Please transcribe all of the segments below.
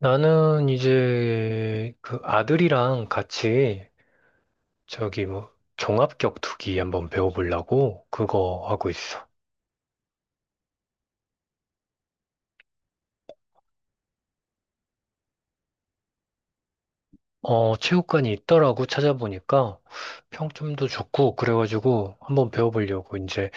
나는 이제 그 아들이랑 같이 저기 종합격투기 한번 배워보려고 그거 하고 있어. 체육관이 있더라고 찾아보니까 평점도 좋고 그래가지고 한번 배워보려고 이제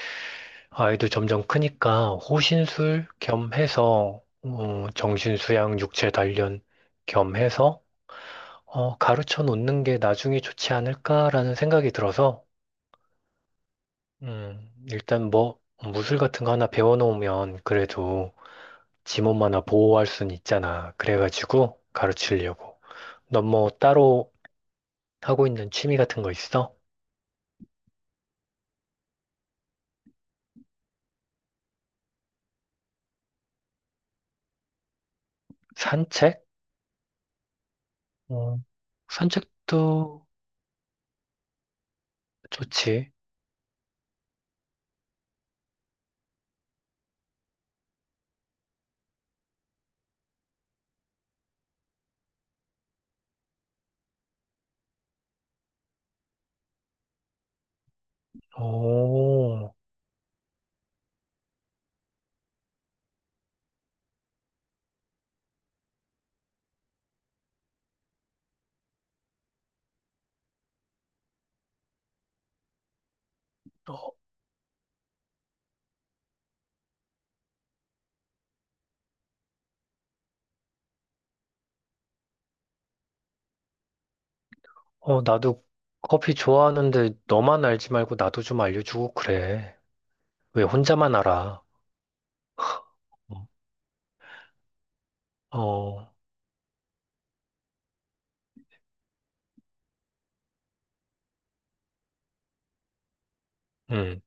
아이도 점점 크니까 호신술 겸해서 정신수양 육체 단련 겸해서 가르쳐 놓는 게 나중에 좋지 않을까라는 생각이 들어서 일단 무술 같은 거 하나 배워놓으면 그래도 지 몸 하나 보호할 순 있잖아. 그래가지고 가르치려고. 넌 뭐 따로 하고 있는 취미 같은 거 있어? 산책? 어, 산책도 좋지. 오, 어, 어, 나도 커피 좋아하는데 너만 알지 말고 나도 좀 알려주고 그래. 왜 혼자만 알아? 어, 응.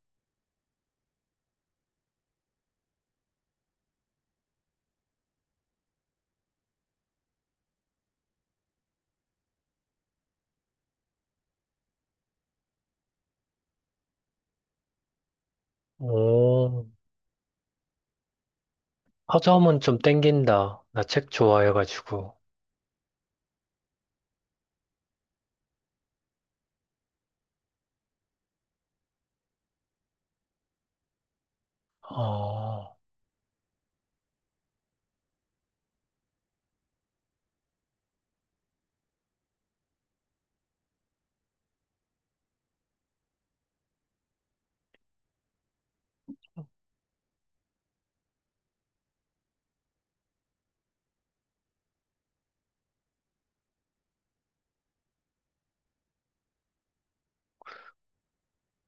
오, 서점은 좀 땡긴다. 나 책 좋아해가지고. 어,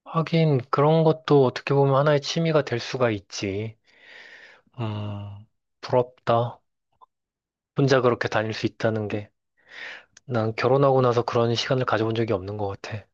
하긴 그런 것도 어떻게 보면 하나의 취미가 될 수가 있지. 음, 부럽다. 혼자 그렇게 다닐 수 있다는 게. 난 결혼하고 나서 그런 시간을 가져본 적이 없는 것 같아.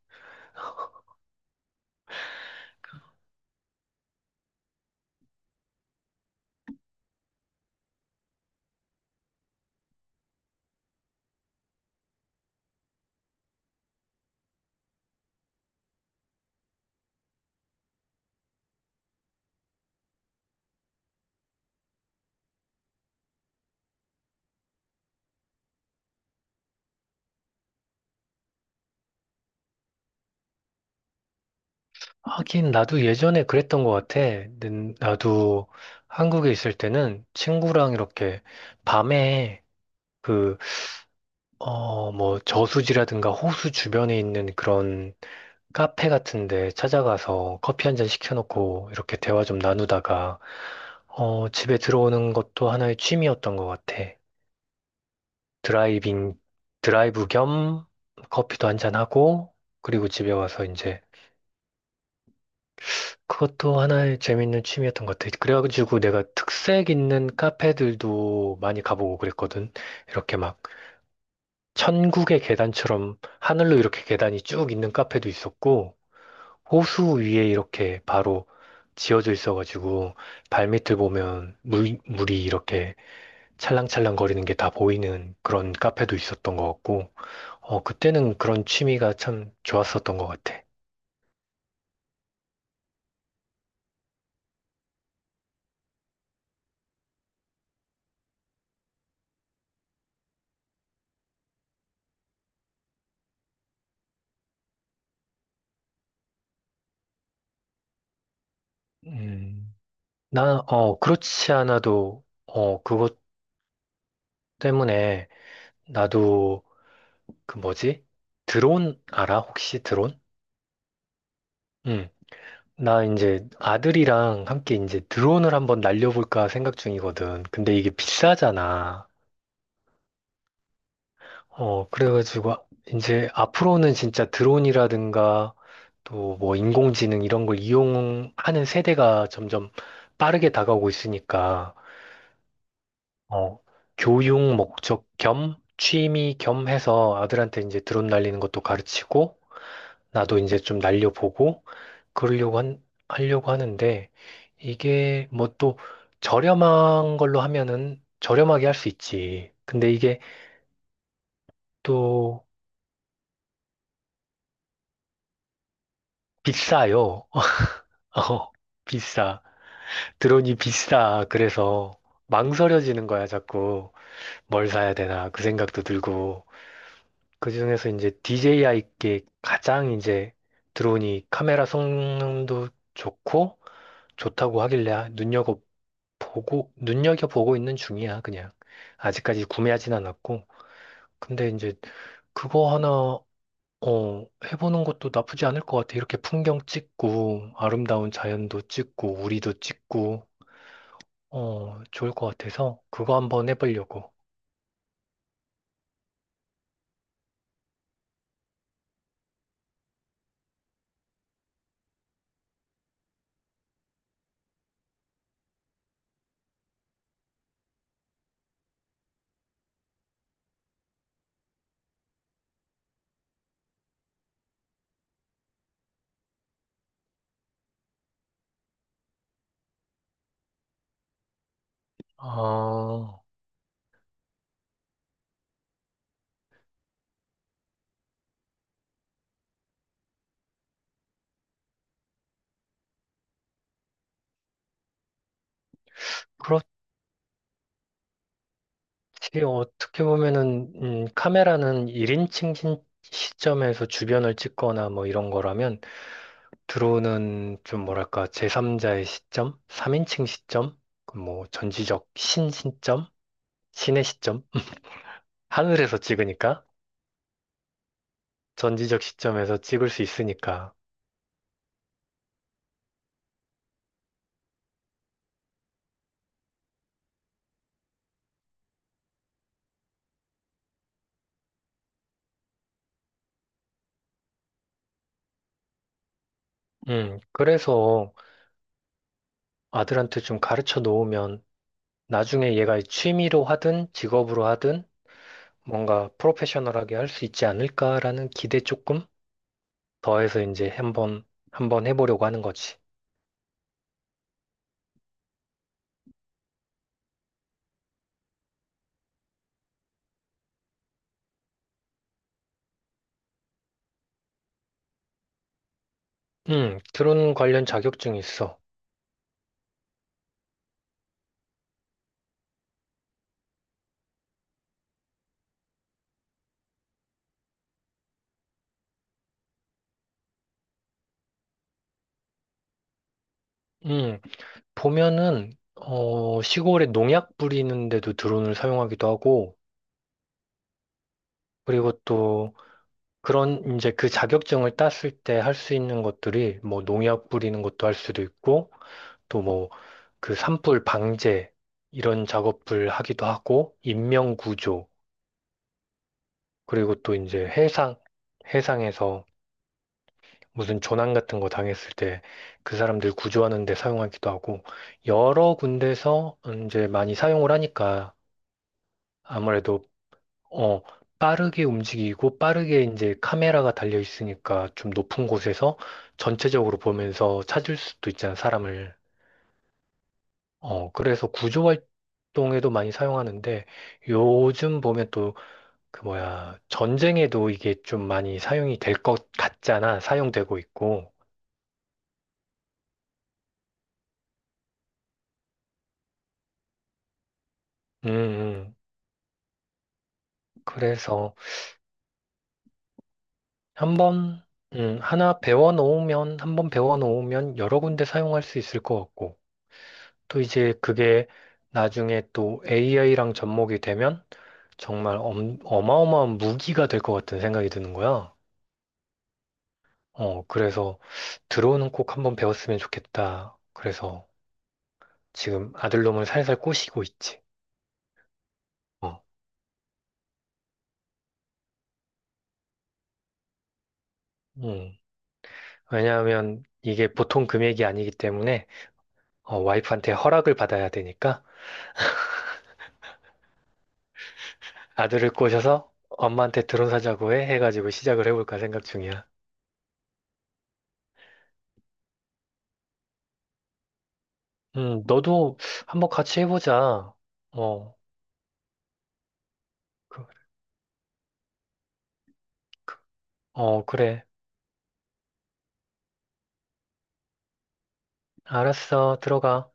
하긴 나도 예전에 그랬던 것 같아. 나도 한국에 있을 때는 친구랑 이렇게 밤에 그, 저수지라든가 호수 주변에 있는 그런 카페 같은데 찾아가서 커피 한 잔 시켜놓고 이렇게 대화 좀 나누다가 집에 들어오는 것도 하나의 취미였던 것 같아. 드라이빙, 드라이브 겸 커피도 한 잔 하고 그리고 집에 와서 이제 그것도 하나의 재밌는 취미였던 것 같아. 그래가지고 내가 특색 있는 카페들도 많이 가보고 그랬거든. 이렇게 천국의 계단처럼 하늘로 이렇게 계단이 쭉 있는 카페도 있었고. 호수 위에 이렇게 바로 지어져 있어가지고 발밑을 보면 물이 이렇게 찰랑찰랑 거리는 게 다 보이는 그런 카페도 있었던 것 같고, 어, 그때는 그런 취미가 참 좋았었던 것 같아. 음, 그렇지 않아도, 그것 때문에 나도 그 뭐지? 드론 알아? 혹시 드론? 응. 나 이제 아들이랑 함께 이제 드론을 한번 날려볼까 생각 중이거든. 근데 이게 비싸잖아. 그래가지고, 이제 앞으로는 진짜 드론이라든가 또 뭐 인공지능 이런 걸 이용하는 세대가 점점 빠르게 다가오고 있으니까, 어, 교육 목적 겸 취미 겸 해서 아들한테 이제 드론 날리는 것도 가르치고, 나도 이제 좀 날려보고, 그러려고 한, 하려고 하는데, 이게 뭐 또 저렴한 걸로 하면은 저렴하게 할 수 있지. 근데 이게 또 비싸요. 어, 비싸. 드론이 비싸. 그래서 망설여지는 거야, 자꾸. 뭘 사야 되나, 그 생각도 들고. 그중에서 이제 DJI께 가장 이제 드론이 카메라 성능도 좋고, 좋다고 하길래 눈여겨보고 있는 중이야, 그냥. 아직까지 구매하진 않았고. 근데 이제 그거 하나, 해보는 것도 나쁘지 않을 것 같아. 이렇게 풍경 찍고, 아름다운 자연도 찍고, 우리도 찍고, 어, 좋을 것 같아서 그거 한번 해보려고. 아, 그렇지. 어떻게 보면은, 카메라는 1인칭 시점에서 주변을 찍거나 뭐 이런 거라면, 드론은 좀 뭐랄까, 제3자의 시점? 3인칭 시점? 그 뭐, 전지적 신 시점? 신의 시점? 하늘에서 찍으니까? 전지적 시점에서 찍을 수 있으니까. 그래서 아들한테 좀 가르쳐 놓으면, 나중에 얘가 취미로 하든 직업으로 하든 뭔가 프로페셔널하게 할 수 있지 않을까라는 기대 조금 더해서 이제 한번 해보려고 하는 거지. 드론 관련 자격증이 있어. 음, 보면은 어, 시골에 농약 뿌리는데도 드론을 사용하기도 하고 그리고 또 그런 이제 그 자격증을 땄을 때 할 수 있는 것들이 뭐 농약 뿌리는 것도 할 수도 있고 또 그 산불 방제 이런 작업을 하기도 하고 인명 구조 그리고 또 이제 해상에서 무슨 조난 같은 거 당했을 때 그 사람들 구조하는 데 사용하기도 하고 여러 군데서 이제 많이 사용을 하니까 아무래도 어, 빠르게 움직이고 빠르게 이제 카메라가 달려 있으니까 좀 높은 곳에서 전체적으로 보면서 찾을 수도 있잖아, 사람을. 어, 그래서 구조 활동에도 많이 사용하는데 요즘 보면 또 그 뭐야, 전쟁에도 이게 좀 많이 사용이 될 것 같잖아. 사용되고 있고. 음, 음. 그래서 한번, 하나 배워 놓으면, 한번 배워 놓으면 여러 군데 사용할 수 있을 것 같고. 또 이제 그게 나중에 또 AI랑 접목이 되면 정말 어마어마한 무기가 될 것 같은 생각이 드는 거야. 어, 그래서 드론은 꼭 한번 배웠으면 좋겠다. 그래서 지금 아들놈을 살살 꼬시고 있지. 어. 음. 왜냐하면 이게 보통 금액이 아니기 때문에 어, 와이프한테 허락을 받아야 되니까 아들을 꼬셔서 엄마한테 드론 사자고 해 해가지고 시작을 해볼까 생각 중이야. 너도 한번 같이 해보자. 어, 그, 그래. 알았어. 들어가.